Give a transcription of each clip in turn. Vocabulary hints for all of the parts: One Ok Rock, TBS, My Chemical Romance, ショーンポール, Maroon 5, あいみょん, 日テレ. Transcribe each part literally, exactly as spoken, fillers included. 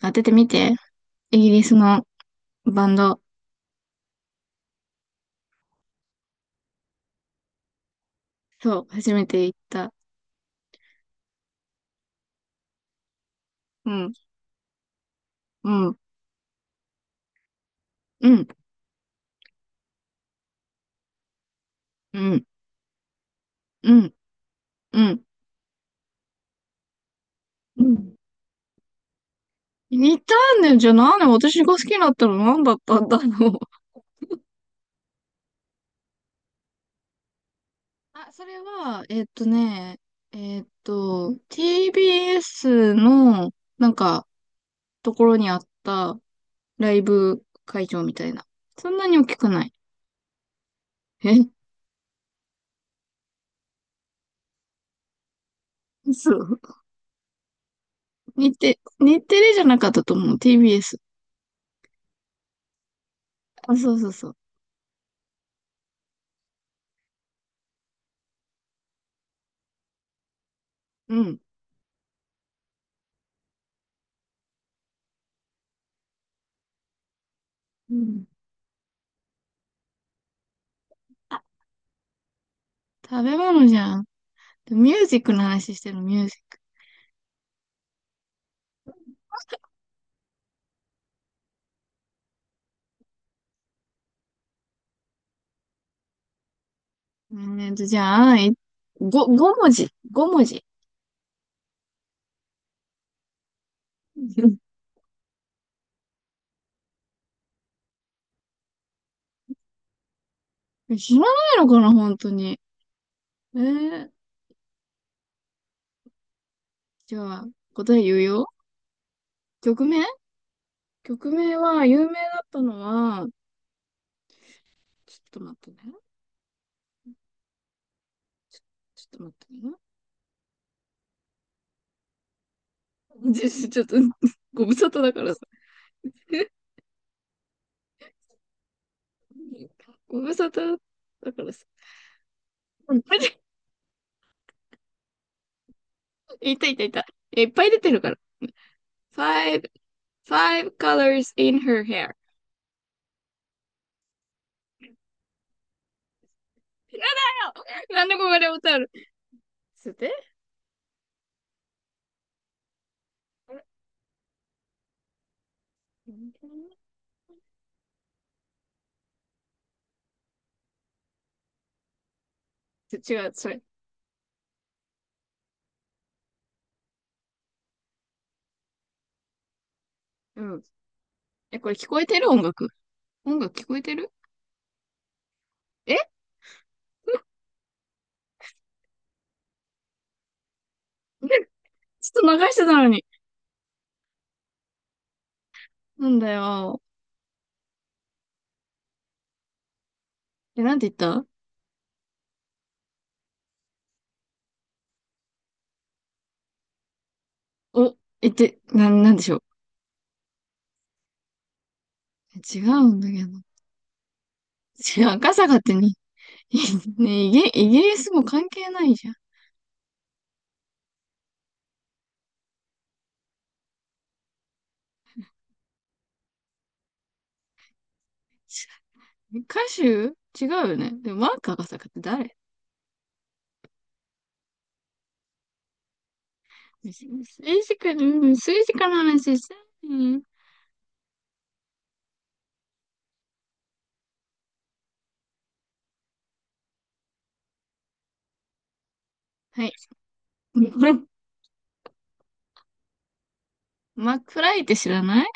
当ててみて。イギリスのバンド。そう、初めて行った。うん、うん、うん、うん、うん、うん。うん、似たんだよ。じゃあなんで私が好きになったの？何だったんだろう。あ、それは、えっとね、えっと、ティービーエス の、なんか、ところにあったライブ会場みたいな。そんなに大きくない。え、そう。日テ、日テレじゃなかったと思う。ティービーエス。あ、そうそうそう。うん。食べ物じゃん。ミュージックの話してる、ミュージック。えーと、じゃあ、いご、ご文字。ご文字。知らないのかな、本当に。えー、じゃあ、答え言うよ。曲名曲名は、有名だったのは、ちょっと待ってね。ちょ、ちょっと待ってね。じゃちょっと、ご無沙汰だからさ。ご無沙汰だからさ。うん。 いたいたいた。いっぱい出てるから。Five, five colors in her hair. だよ。なんでここで歌うの？つっと待って。違う、それ。うん。え、これ聞こえてる音楽？音楽聞こえてる？え、 ちょっと流してたのに。なんだよ。え、なんて言った？お、え、って、な、なんでしょう。違うんだけど。違う、赤坂ってに、ね、イギイギリスも関係ないじゃん。歌手？違うよね。でも、マーク赤坂って誰？政治家、うん、政治家の話したい。はい。マックフライって知らない？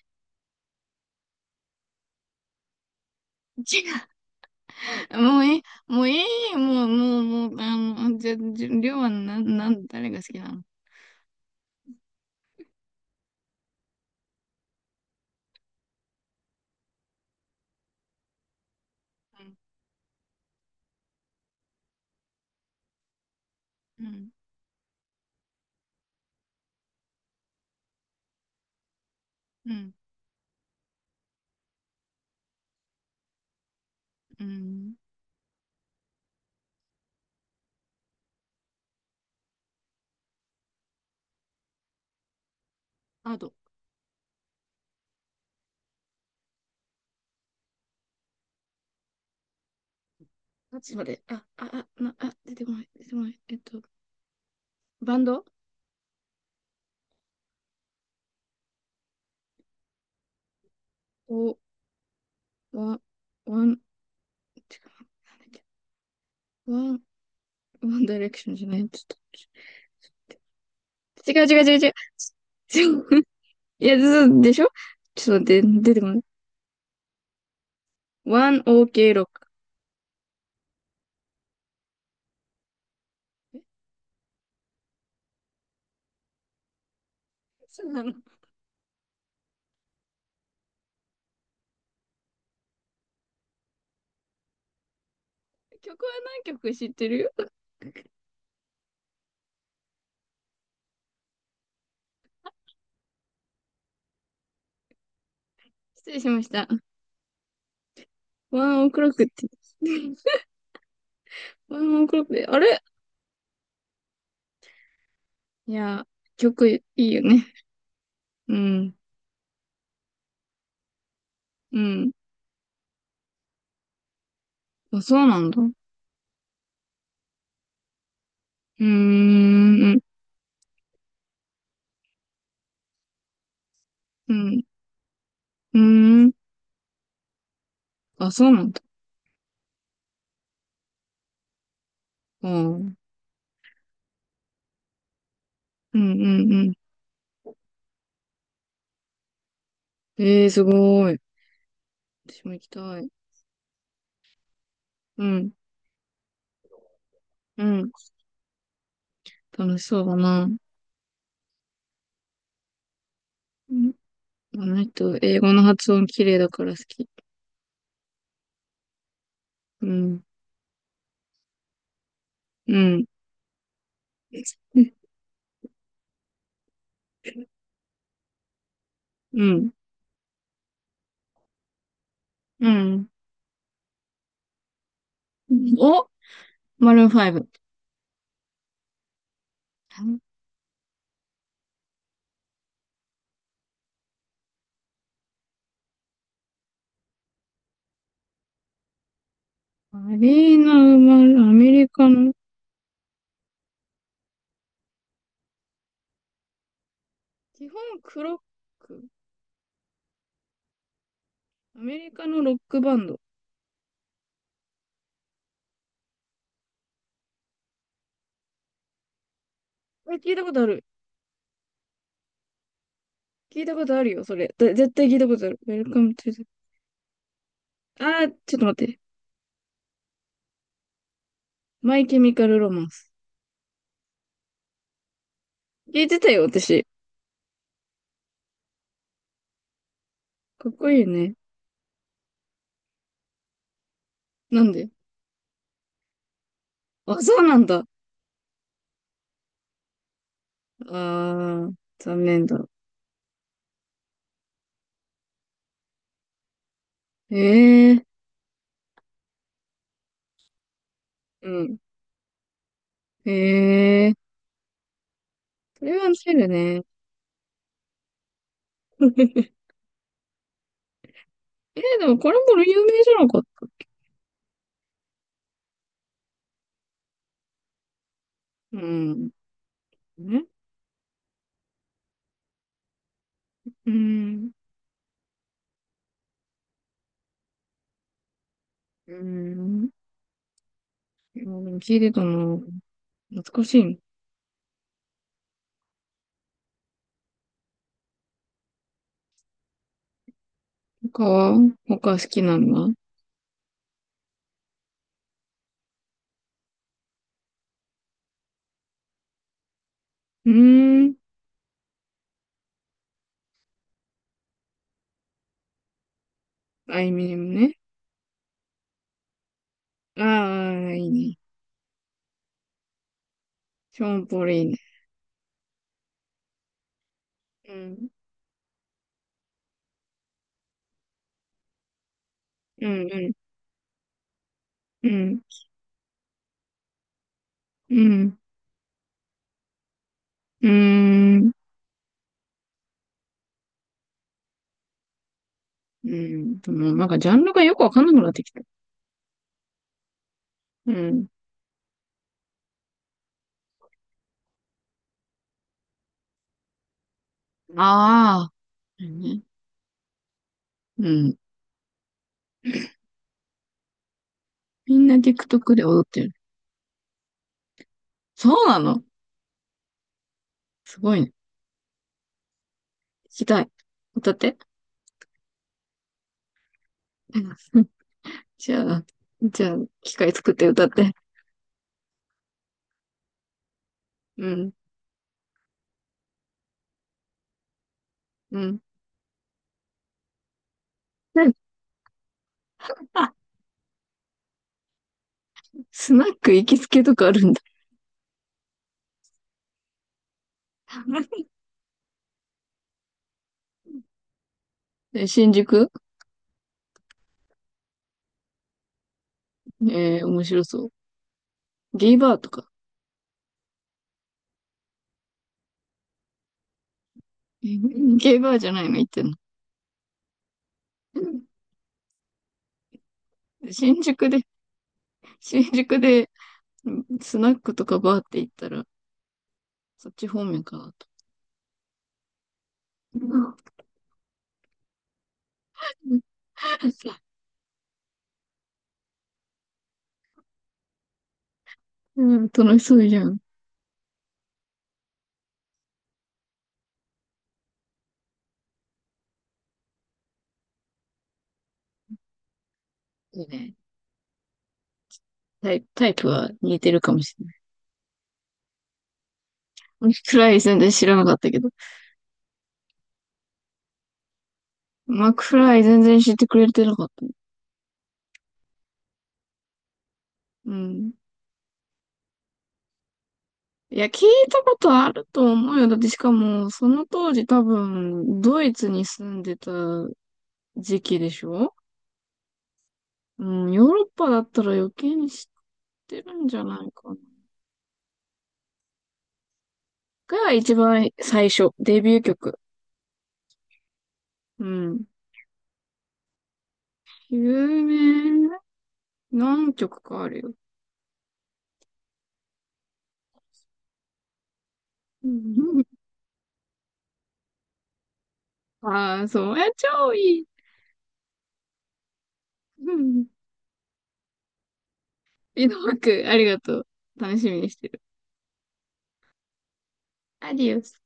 ちもういい、もういい、もう、もう、もう、あの、じゃ、じゃ、りょうはな、なん、誰が好きなの？うん、うん、うん、うん。あと、どっちまで、あ、あ、あ、な、あ、出てこない、出てこない。えっと、バンド。お、ワン、ワン、違う、なんだっけ、ワン、ワンダイレクションじゃない、ちょっと、違う違う違う違う。ちょいや、ずでしょ、ちょっと待って、出てこない。ワン、オーケー、ロック。そうなの。曲は何曲知ってるよ。失礼しました。ワンオクロックって言って、ワンオクロックで、あれ、いや、曲いいよね。うん、うん。あ、そうなんだ。うーん、うん、うん。あ、そうなんだ。あー、うん、うん、うん。ええー、すごい。私も行きたい。うん、うん。楽しそうだな。うん。あの人、英語の発音綺麗だから好き。うん、うん、うん、うん。お、マルーンファイブ。マリーナ・マル、アメリカの基本クロック。アメリカのロックバンド。これ聞いたことある。聞いたことあるよ、それ。絶対聞いたことある。Welcome to the... あー、ちょっと待って。マイケミカルロマンス。聞いてたよ、私。かっこいいね。なんで？あ、そうなんだ。あー、残念だ。ええー、うん。ええー。それは知るね。えー、でもこれも有名じゃなかったっけ？うん。ね。うん。うん。もう聞いてたな。懐かしいの。他は？他好きなのは？うーん。あいみょんね。ああ、いいね。ショーンポールいいね。うん。うん、うん、うん、うん、うーん。うん。でもなんかジャンルがよくわかんなくなってきた。うん。ああ、うんね。うん。みんな TikTok で踊ってる。そうなの？すごいね。聞きたい。歌って。うん。じゃあ、じゃあ、機械作って歌って。うん、うん。スナック行きつけとかあるんだ。で新宿？えー、面白そう。ゲイバーとか。え、ゲイバーじゃないの？行ってんの。で、新宿で、新宿で、スナックとかバーって行ったら、そっち方面かなと。うん、楽しそうじゃん。いいね。タイ、タイプは似てるかもしれない。マクフライ全然知らなかったけど。マクフライ全然知ってくれてなかった。うん。いや、聞いたことあると思うよ。だってしかも、その当時多分、ドイツに住んでた時期でしょ？うん、ヨーロッパだったら余計に知ってるんじゃないかな。が一番最初、デビュー曲。うん。有名何曲かあるよ。ああー、そう。え、超いい。うん。井戸幕、ありがとう。楽しみにしてる。アディオス。